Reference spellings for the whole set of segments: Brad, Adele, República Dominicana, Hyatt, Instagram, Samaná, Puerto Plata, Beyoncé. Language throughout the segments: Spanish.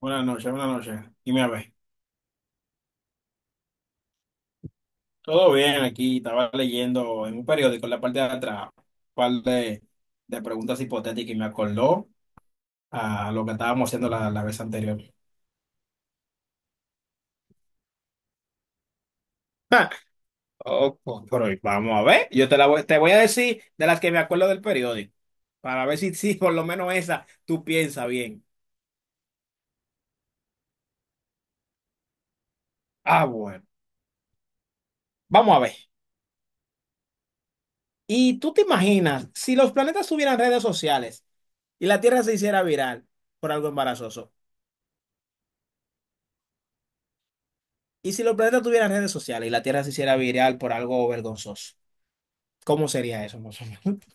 Buenas noches, buenas noches. Dime a ver. Todo bien aquí, estaba leyendo en un periódico en la parte de atrás, un par de, de preguntas hipotéticas y me acordó a lo que estábamos haciendo la vez anterior. Ja, oh, pues, pero vamos a ver, yo te la voy, te voy a decir de las que me acuerdo del periódico, para ver si por lo menos esa tú piensas bien. Ah, bueno, vamos a ver. ¿Y tú te imaginas si los planetas tuvieran redes sociales y la Tierra se hiciera viral por algo embarazoso? ¿Y si los planetas tuvieran redes sociales y la Tierra se hiciera viral por algo vergonzoso? ¿Cómo sería eso, más o menos?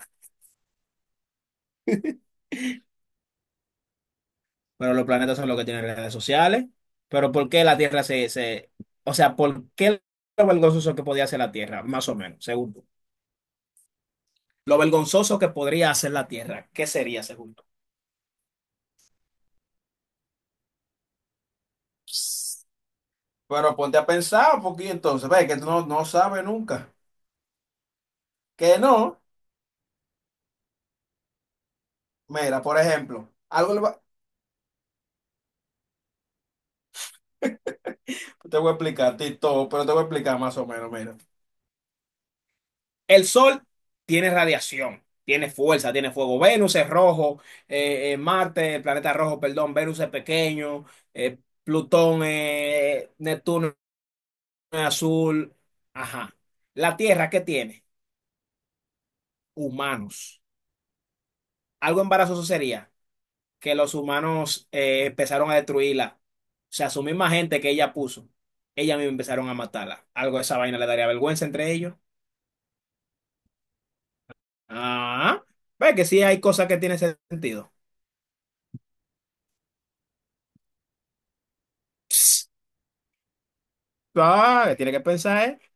Pero los planetas son los que tienen redes sociales. Pero ¿por qué la Tierra se... O sea, ¿por qué lo vergonzoso que podía hacer la Tierra? Más o menos, según tú. Lo vergonzoso que podría hacer la Tierra, ¿qué sería, según tú? Pero ponte a pensar, porque entonces, ve que tú no sabes nunca. Que no, mira, por ejemplo, te voy a explicar, Tito, pero te voy a explicar más o menos, mira. El Sol tiene radiación, tiene fuerza, tiene fuego. Venus es rojo, Marte, el planeta rojo, perdón, Venus es pequeño, eh, Plutón, Neptuno es azul. Ajá. La Tierra, ¿qué tiene? Humanos. Algo embarazoso sería que los humanos empezaron a destruirla. O sea, su misma gente que ella puso, ella misma empezaron a matarla. Algo de esa vaina le daría vergüenza entre ellos. Ah, ve que sí hay cosas que tienen sentido. Ah, tiene que pensar, ¿eh?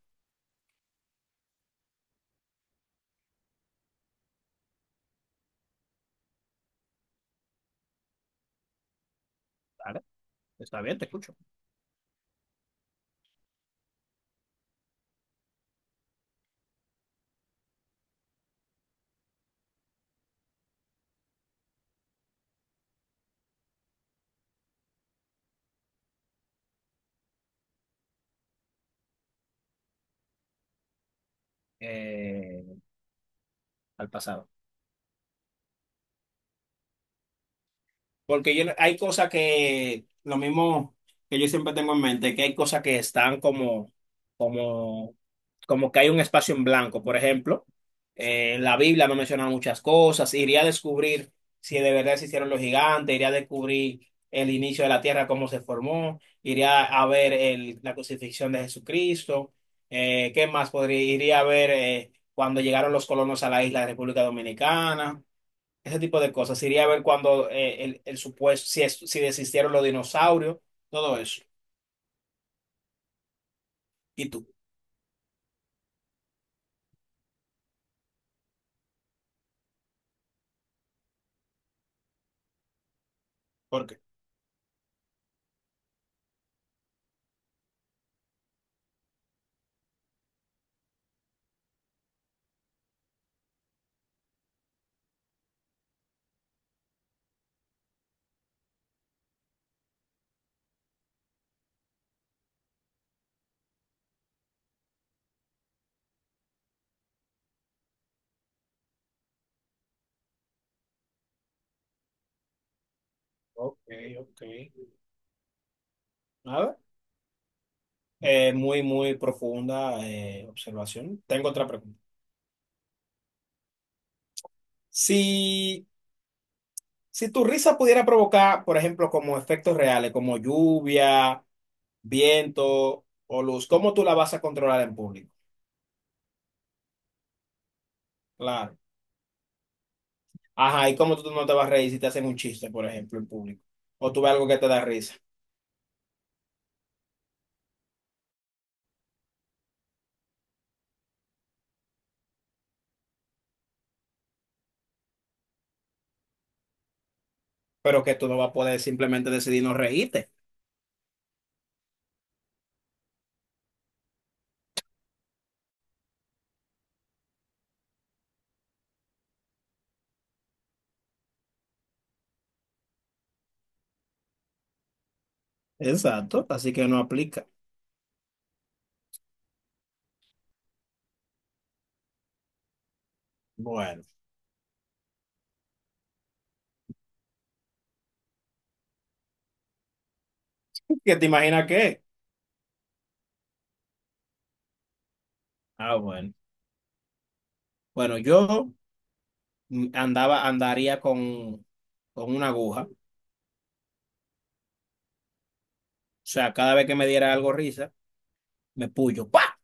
Vale, está bien, te escucho. Eh, al pasado. Porque yo, hay cosas que, lo mismo que yo siempre tengo en mente, que hay cosas que están como, como que hay un espacio en blanco. Por ejemplo, la Biblia me menciona muchas cosas. Iría a descubrir si de verdad se hicieron los gigantes, iría a descubrir el inicio de la tierra, cómo se formó, iría a ver la crucifixión de Jesucristo. ¿Qué más podría? Iría a ver cuando llegaron los colonos a la isla de República Dominicana, ese tipo de cosas. Iría a ver cuando el supuesto, si desistieron los dinosaurios, todo eso. ¿Y tú? ¿Por qué? Ok, ok. A ver, muy profunda observación. Tengo otra pregunta. Si, si tu risa pudiera provocar, por ejemplo, como efectos reales, como lluvia, viento o luz, ¿cómo tú la vas a controlar en público? Claro. Ajá, ¿y cómo tú no te vas a reír si te hacen un chiste, por ejemplo, en público? O tú ves algo que te da risa. Pero que tú no vas a poder simplemente decidir no reírte. Exacto, así que no aplica. Bueno, ¿qué te imaginas qué? Ah, bueno. Bueno, yo andaría con una aguja. O sea, cada vez que me diera algo risa, me puyo. ¡Pa!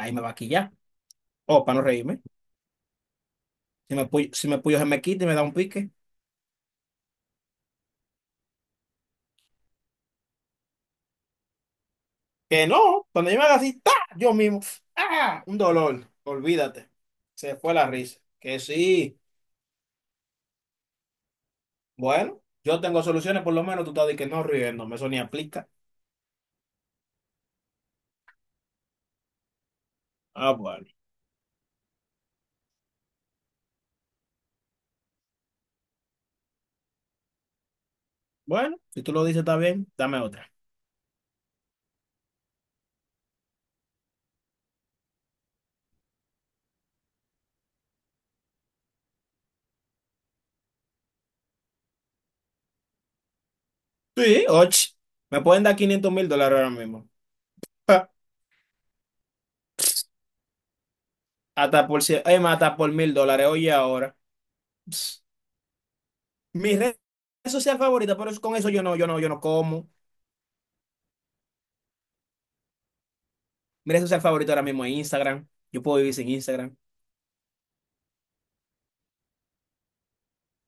Ahí me va a quillar, o para no reírme. Si me puyo se me quita y me da un pique. Que no, cuando yo me haga así, ¡ta! Yo mismo. ¡Ah! Un dolor. Olvídate. Se fue la risa. Que sí. Bueno, yo tengo soluciones, por lo menos tú estás de que no riéndome, eso ni aplica. Ah, bueno. Bueno, si tú lo dices, está bien. Dame otra. Sí, ocho. Me pueden dar $500,000 ahora mismo. Ja. Hasta por $1,000. Oye, ahora. Pss. Mi red social favorita, con eso yo no como. Mi red social favorita ahora mismo es Instagram. Yo puedo vivir sin Instagram.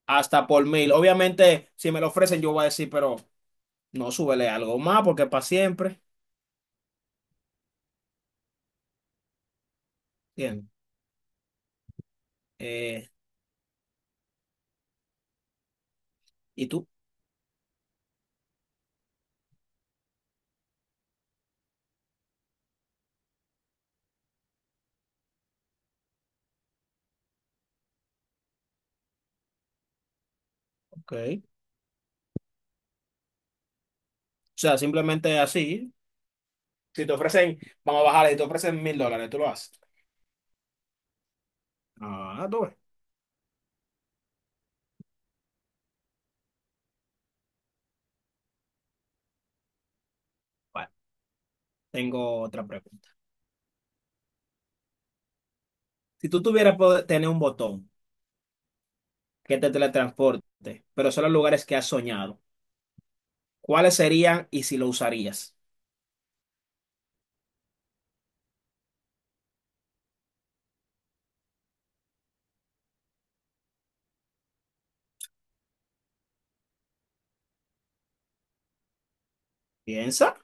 Hasta por mil. Obviamente, si me lo ofrecen, yo voy a decir, pero no, súbele algo más porque es para siempre. Bien. Eh, ¿Y tú? Ok. O sea, simplemente así. Si te ofrecen, vamos a bajarle, si te ofrecen $1,000, tú lo haces. Ah, tú ves. Bueno, tengo otra pregunta. Si tú tuvieras poder tener un botón que te teletransporte, pero solo a lugares que has soñado, ¿cuáles serían y si lo usarías? Piensa.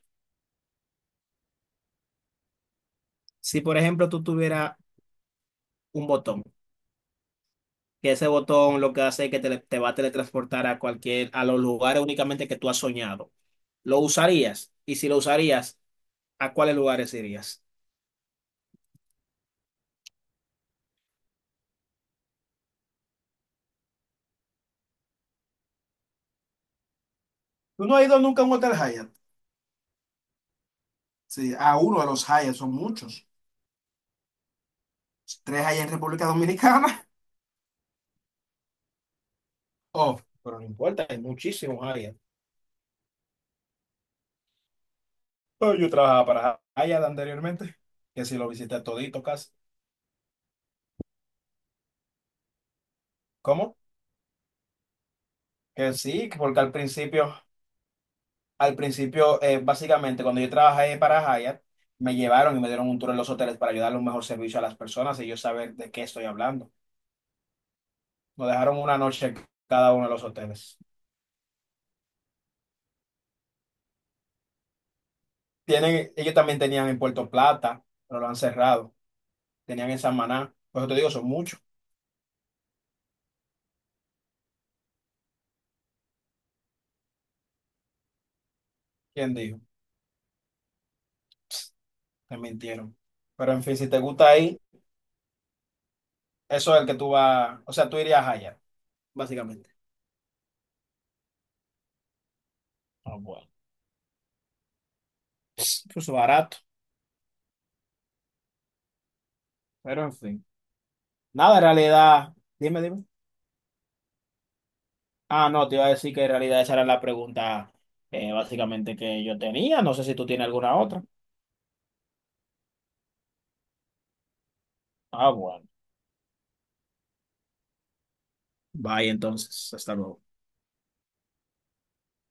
Si, por ejemplo, tú tuvieras un botón, que ese botón lo que hace es que te va a teletransportar a los lugares únicamente que tú has soñado, ¿lo usarías? Y si lo usarías, ¿a cuáles lugares irías? ¿Tú no has ido nunca a un hotel Hyatt? Sí, a uno de los Hyatt, son muchos. 3 Hyatt en República Dominicana. Oh, pero no importa, hay muchísimos Hyatt. Pero yo trabajaba para Hyatt anteriormente, que si lo visité todito casi. ¿Cómo? Que sí, que porque al principio, básicamente, cuando yo trabajé para Hyatt, me llevaron y me dieron un tour en los hoteles para ayudar a un mejor servicio a las personas y yo saber de qué estoy hablando. Nos dejaron una noche en cada uno de los hoteles. Tienen, ellos también tenían en Puerto Plata, pero lo han cerrado. Tenían en Samaná. Por eso te digo, son muchos. ¿Quién dijo? Te mintieron. Pero en fin, si te gusta ahí. Eso es el que tú vas, o sea, tú irías allá, básicamente. Ah, bueno. Incluso barato, pero en fin. Nada, en realidad, dime, dime. Ah, no, te iba a decir que en realidad esa era la pregunta básicamente que yo tenía. No sé si tú tienes alguna otra. Ah, bueno. Bye, entonces. Hasta luego.